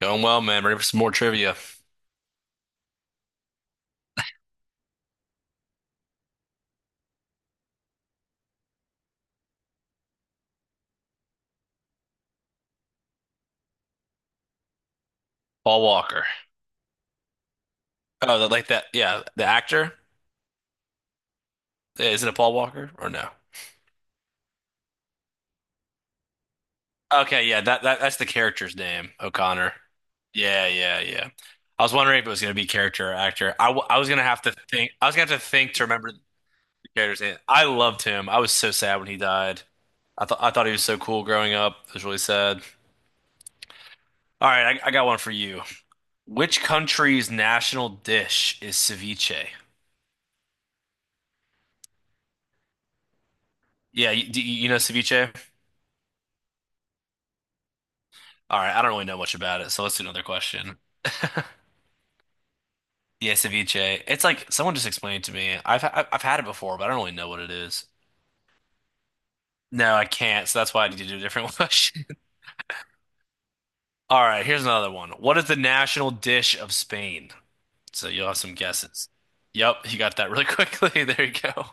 Going well, man. Ready for some more trivia. Paul Walker. Like that. Yeah, the actor. Yeah, is it a Paul Walker or no? Okay, yeah, that's the character's name, O'Connor. Yeah, yeah, yeah. I was wondering if it was gonna be character or actor. I was gonna have to think. I was gonna have to think to remember the character's name. I loved him. I was so sad when he died. I thought he was so cool growing up. It was really sad. All right, I got one for you. Which country's national dish is ceviche? Do you know ceviche? All right, I don't really know much about it, so let's do another question. Yeah, ceviche. It's like someone just explained it to me. I've had it before, but I don't really know what it is. No, I can't, so that's why I need to do a different question. All right, here's another one. What is the national dish of Spain? So you'll have some guesses. Yep, you got that really quickly. There you go.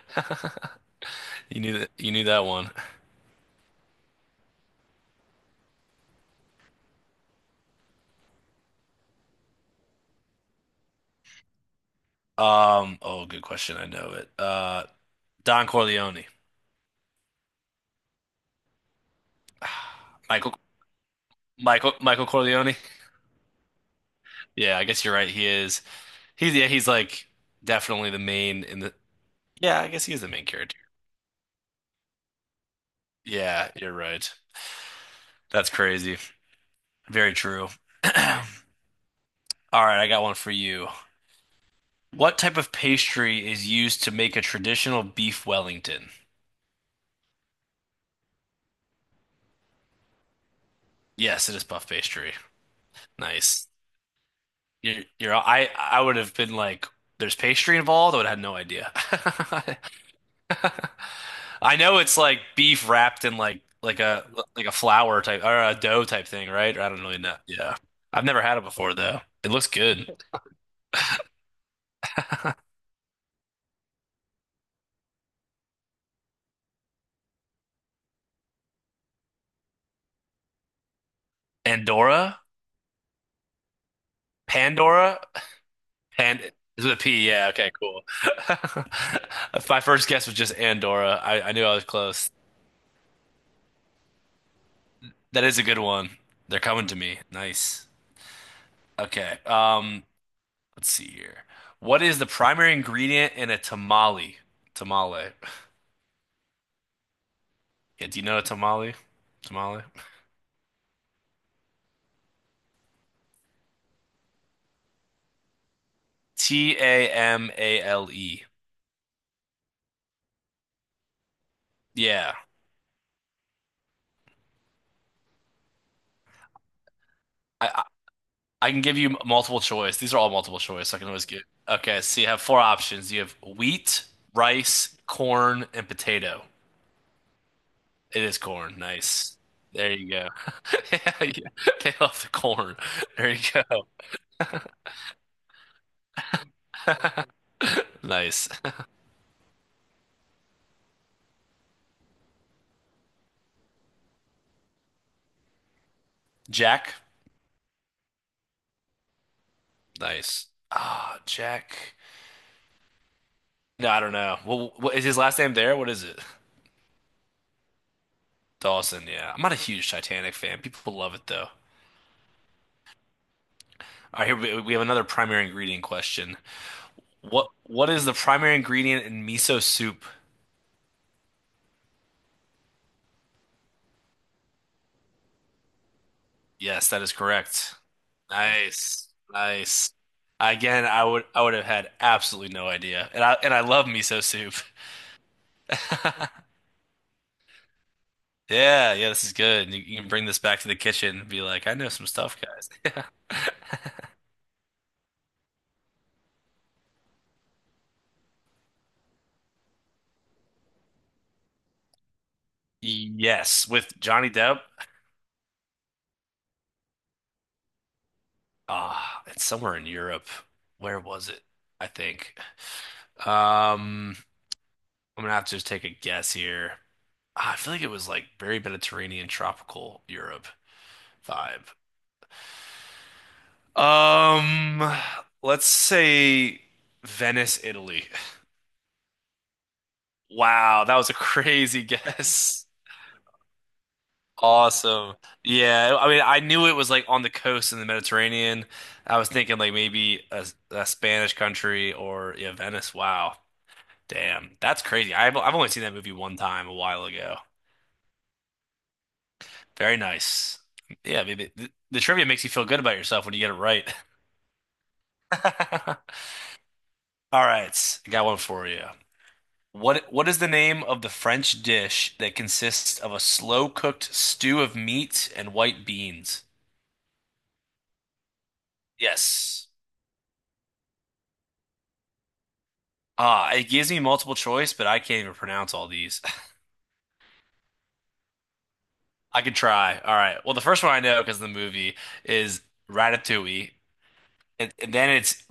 You knew that one. Oh, good question. I know it. Don Corleone. Michael Michael Corleone. Yeah, I guess you're right. He is. He's yeah, he's like definitely the main in the yeah, I guess he's the main character. Yeah, you're right. That's crazy. Very true. All right, I got one for you. What type of pastry is used to make a traditional beef Wellington? Yes, it is puff pastry. Nice. You're I would have been like, there's pastry involved. I would have had no idea. I know it's like beef wrapped in like a like a flour type or a dough type thing, right? Or I don't really know. Yeah. I've never had it before though. It looks good. Andorra? Pandora? Pan is with a P. Yeah, okay, cool. My first guess was just Andorra. I knew I was close. That is a good one. They're coming to me. Nice. Okay. Let's see here. What is the primary ingredient in a tamale? Tamale. Yeah, do you know a tamale? Tamale? T A M A L E. Yeah. I, I I can give you multiple choice. These are all multiple choice, so I can always get. Okay, so you have four options. You have wheat, rice, corn, and potato. It is corn. Nice. There you go. Yeah, yeah. They love the corn. There you go. Nice. Jack? Nice. Ah, Jack. No, I don't know. Well, what is his last name there? What is it? Dawson, yeah. I'm not a huge Titanic fan. People love it though. All right, here we have another primary ingredient question. What is the primary ingredient in miso soup? Yes, that is correct. Nice. Nice. Again, I would have had absolutely no idea. And I love miso soup. Yeah, yeah, this is good. You can bring this back to the kitchen and be like, I know some stuff, guys. Yes, with Johnny Depp. Ah, it's somewhere in Europe. Where was it? I think. Um, I'm gonna have to just take a guess here. Ah, I feel like it was like very Mediterranean, tropical Europe. Five. Um, let's say Venice, Italy. Wow, that was a crazy guess. Awesome. Yeah, I mean, I knew it was like on the coast in the Mediterranean. I was thinking like maybe a Spanish country or yeah, Venice. Wow. Damn. That's crazy. I've only seen that movie one time a while ago. Very nice. Yeah, maybe the trivia makes you feel good about yourself when you get it right. All right, I got one for you. What is the name of the French dish that consists of a slow cooked stew of meat and white beans? Yes. Ah, it gives me multiple choice, but I can't even pronounce all these. I could try. All right. Well, the first one I know because of the movie is Ratatouille, and then it's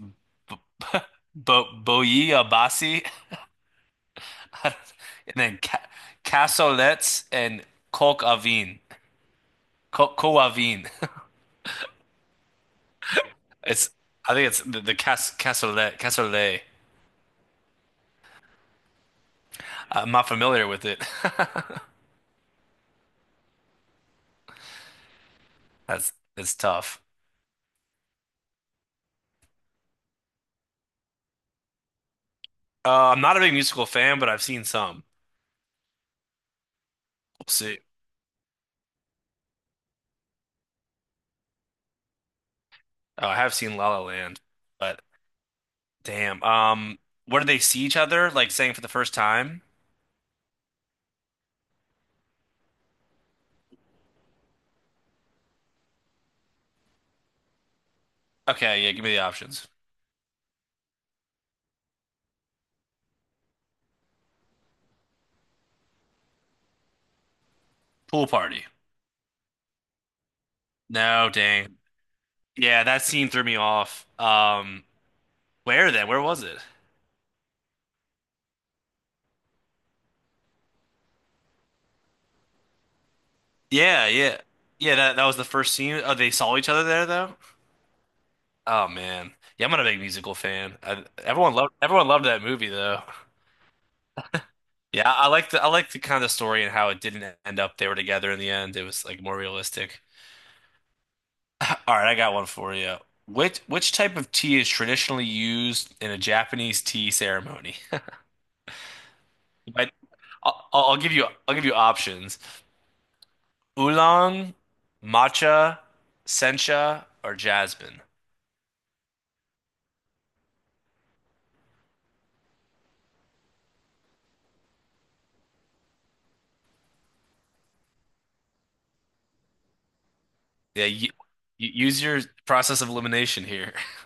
Bo Boyaabassi, and then ca cassolettes and coq au vin. Co Coq au vin. It's I think it's the cassolette cassolet. I'm not familiar with it. That's it's tough. I'm not a big musical fan, but I've seen some. We'll see. I have seen La La Land, but damn. Where do they see each other? Like saying for the first time? Okay, yeah, give me the options. Pool party. No, dang. Yeah, that scene threw me off. Where then? Where was it? Yeah, yeah. Yeah, that that was the first scene. Oh, they saw each other there though? Oh man. Yeah, I'm not a big musical fan. I, everyone loved that movie though. Yeah, I like the kind of story and how it didn't end up they were together in the end. It was like more realistic. All right, I got one for you. Which type of tea is traditionally used in a Japanese tea ceremony? But I'll give you options: oolong, matcha, sencha, or jasmine. Yeah, you, you use your process of elimination here.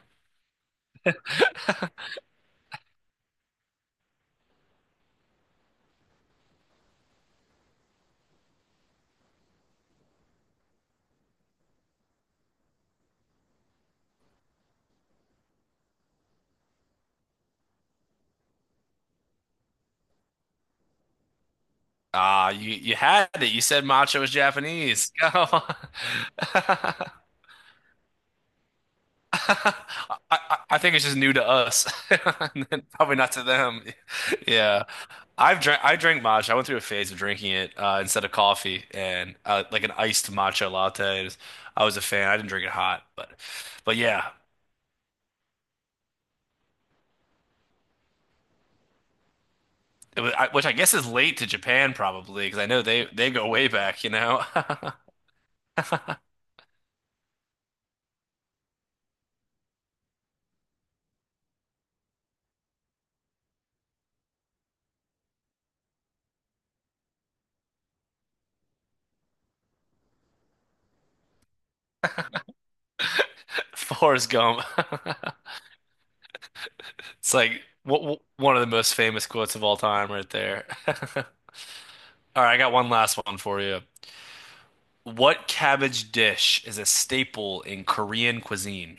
Ah, you had it. You said matcha was Japanese. Go. I, I think it's just new to us, and then probably not to them. Yeah, I drank matcha. I went through a phase of drinking it instead of coffee and like an iced matcha latte. It was- I was a fan. I didn't drink it hot, but yeah, it was, which I guess is late to Japan probably because I know they go way back, you know. Forrest Gump. It's like w w one of the most famous quotes of all time, right there. All right, I got one last one for you. What cabbage dish is a staple in Korean cuisine?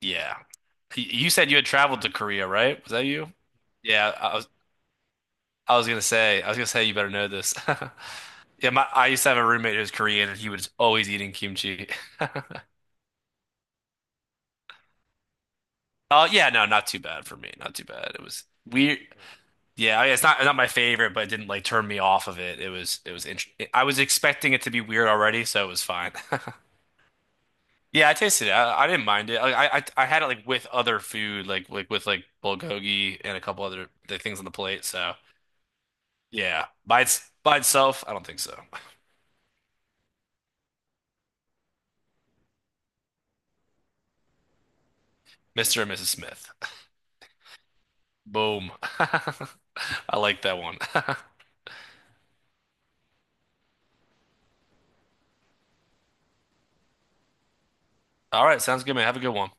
Yeah. Y- You said you had traveled to Korea, right? Was that you? Yeah, I was gonna say you better know this. Yeah, my I used to have a roommate who was Korean and he was always eating kimchi. Oh yeah, no, not too bad for me. Not too bad. It was weird. Yeah, I mean, it's not my favorite, but it didn't like turn me off of it. It was interesting. I was expecting it to be weird already, so it was fine. Yeah, I tasted it. I didn't mind it. Like, I had it like with other food, with like bulgogi and a couple other th- things on the plate. So yeah, by its by itself, I don't think so. Mr. and Mrs. Smith. Boom. I like that one. All right, sounds good, man. Have a good one.